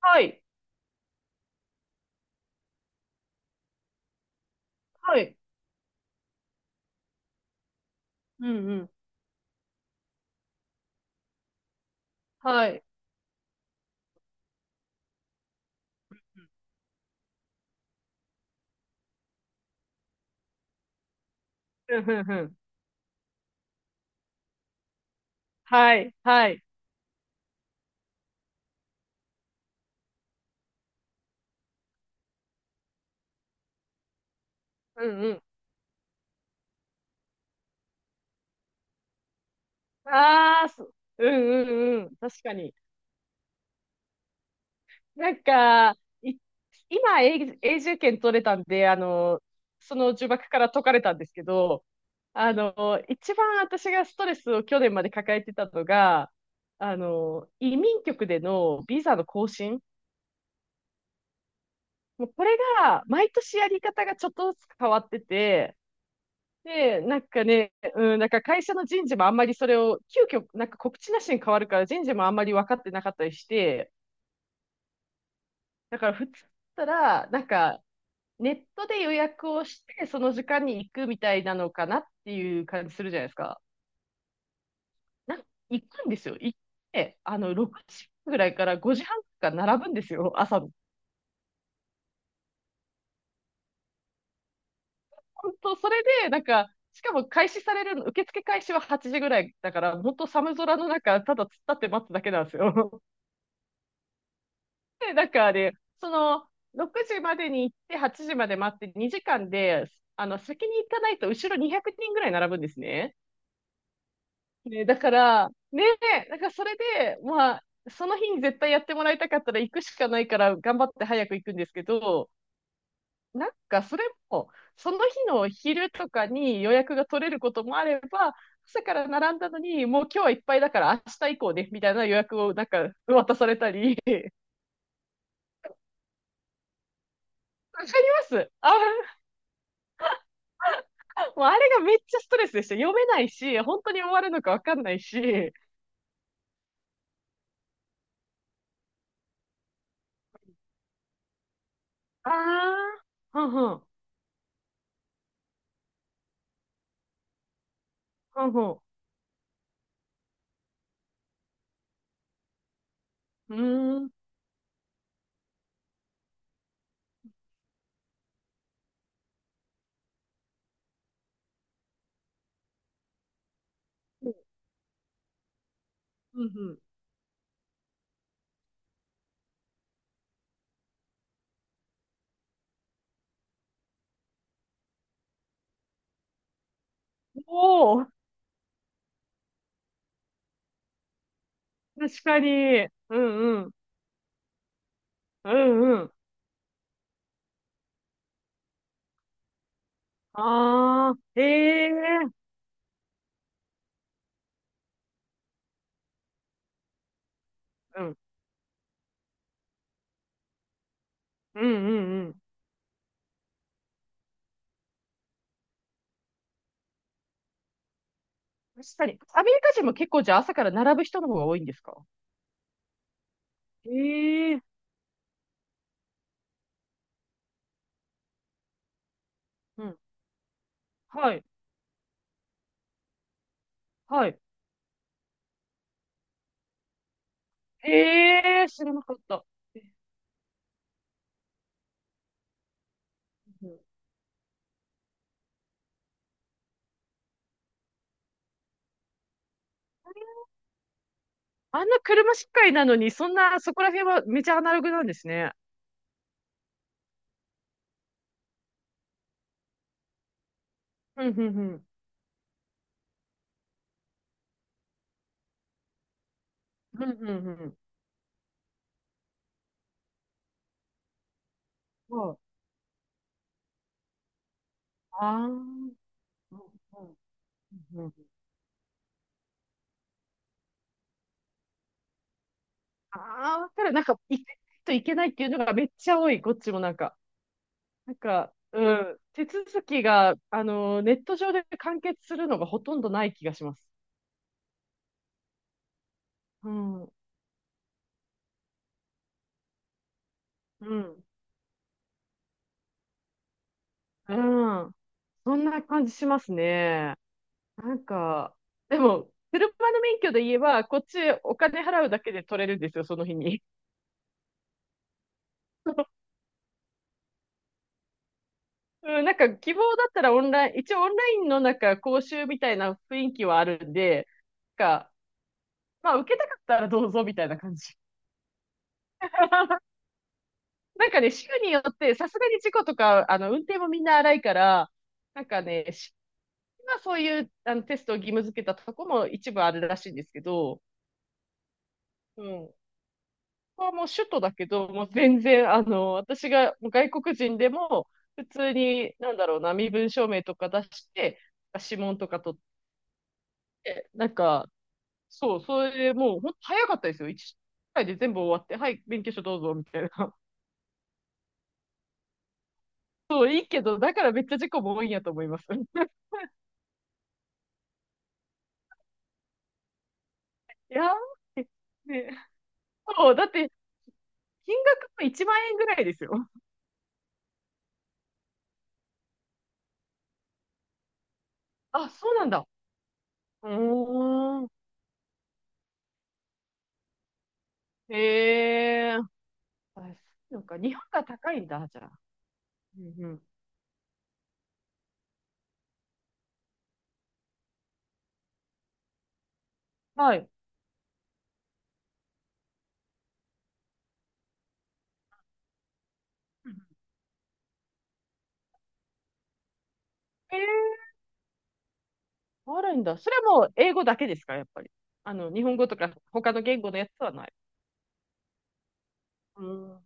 はい。はい。うんうん。はい。うんうんうん。はい。はい。うんうん。ああ、そうんうんうん。確かに。なんか、い、今、永永住権取れたんで、その呪縛から解かれたんですけど、一番私がストレスを去年まで抱えてたのが、移民局でのビザの更新。もうこれが、毎年やり方がちょっとずつ変わってて、で、なんかね、なんか会社の人事もあんまりそれを、急遽、なんか告知なしに変わるから人事もあんまり分かってなかったりして、だから普通だったら、なんかネットで予約をして、その時間に行くみたいなのかなっていう感じするじゃないですか。なんか行くんですよ。行って、6時ぐらいから5時半から並ぶんですよ、朝の。本当、それで、なんか、しかも開始されるの、受付開始は8時ぐらいだから、本当寒空の中、ただ突っ立って待つだけなんですよ。で、だからね、その、6時までに行って、8時まで待って、2時間で、先に行かないと、後ろ200人ぐらい並ぶんですね。ね、だからそれで、まあ、その日に絶対やってもらいたかったら行くしかないから、頑張って早く行くんですけど、なんかそれも、その日の昼とかに予約が取れることもあれば、朝から並んだのに、もう今日はいっぱいだから明日以降ね、みたいな予約をなんか渡されたり、わかります。あ、もうあれがめっちゃストレスでした。読めないし、本当に終わるのかわかんないし。ああ、うんうん、うんうん。うーん、うんうん。おお、確かに。うんうん、うんうん。ああ、ええうん、うんうんうん。確かに。アメリカ人も結構じゃあ朝から並ぶ人の方が多いんですか？ええうん。はい、はい。ええ知らなかった。えうん。あんな車社会なのに、そんな、そこら辺はめちゃアナログなんですね。ふんふんふん。ふんふんふん。そう。ああ。うんうんうん。ああ、わかる。なんか、行かないといけないっていうのがめっちゃ多い、こっちもなんか。なんか、うん。手続きが、ネット上で完結するのがほとんどない気がします。うん。うん。うん。そんな感じしますね。なんか、でも、車の免許で言えば、こっちお金払うだけで取れるんですよ、その日に。うん、なんか希望だったらオンライン、一応オンラインのなんか講習みたいな雰囲気はあるんで、なんか、まあ受けたかったらどうぞみたいな感じ。なんかね、州によってさすがに事故とか、運転もみんな荒いから、なんかね、州はそういうあのテストを義務付けたとこも一部あるらしいんですけど、うん。ここはもう首都だけど、もう全然、私がもう外国人でも、普通に、なんだろうな、身分証明とか出して、指紋とか取って、なんか、そう、それでもう、ほんと早かったですよ。1回で全部終わって、はい、勉強書どうぞ、みたいな。そう、いいけど、だからめっちゃ事故も多いんやと思います。いやー、ね、そう、だって、金額も1万円ぐらいですよ。あ、そうなんだ。うーん。へえ。あ、なんか、日本が高いんだ、じゃあ。うんうん。はい。ええあるんだ。それはもう英語だけですか、やっぱり。日本語とか他の言語のやつはない？うん。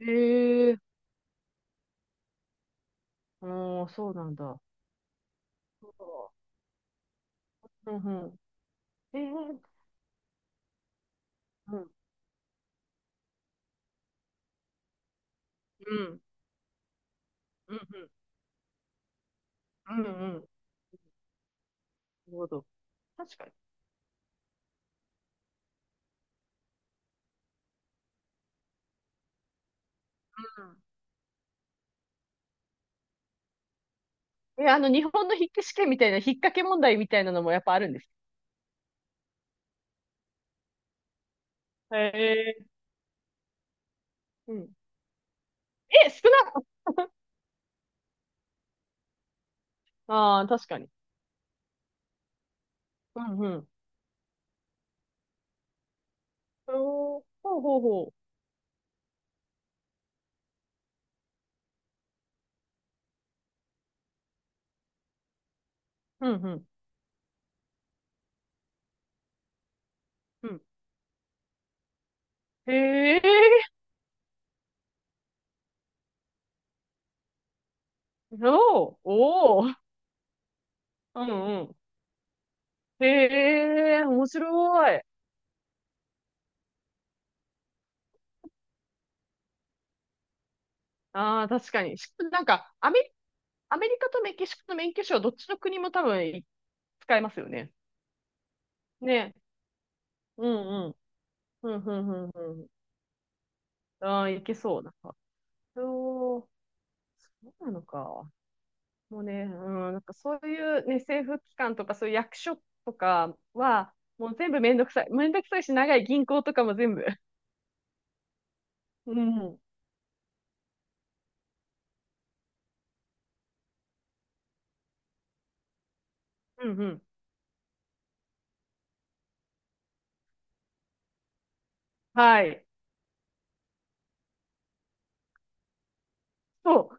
ええうん、そうなんだ。うんうん。ええうん。うん。うんうん。うんうん。なるほど。確かに。うん。え、日本の筆記試験みたいな、引っ掛け問題みたいなのもやっぱあるんです？へえ。うん。え、少な。ああー、確かに。うんうん。おー、ほうほうほう。うんうん。うん。へえ。おー、おー。うんうん。へえ、面白い。ああ、確かに。なんか、アメリカとメキシコと免許証、どっちの国も多分使えますよね。ね。うんうん。うん、うん、うん、うん。ああ、いけそう。なんか、そう、そうなのか。もうね、うん、なんかそういうね、政府機関とか、そういう役所とかは、もう全部めんどくさい。めんどくさいし、長い銀行とかも全部。うん、うん、うん。はい。そ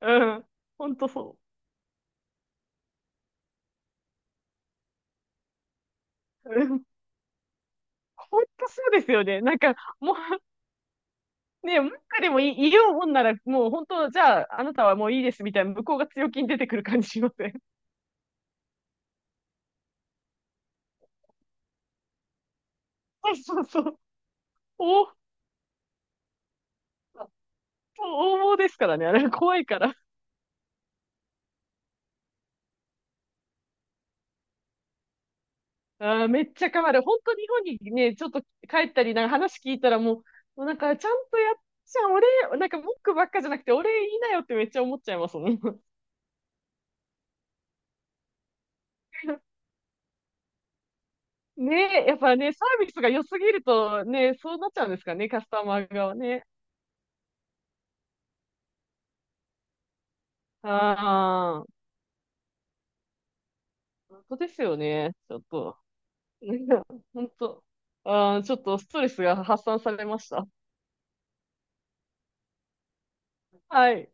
う。うん。ほんとそう。うん。ほんとそうですよね。なんか、もう、ね、文句でもいい、言おうもんなら、もう本当、じゃあ、あなたはもういいですみたいな、向こうが強気に出てくる感じしません？そうそうそう。お応募ですからね、あれ怖いから。あーめっちゃ変わる。本当日本にね、ちょっと帰ったり、なんか話聞いたらもうなんかちゃんとやっちゃん、俺、なんか文句ばっかじゃなくて、俺いいなよってめっちゃ思っちゃいますもん。ねえ、やっぱね、サービスが良すぎるとね、そうなっちゃうんですかね、カスタマー側ね。ああ、本当ですよね、ちょっと。本当。ああ、ちょっとストレスが発散されました。はい。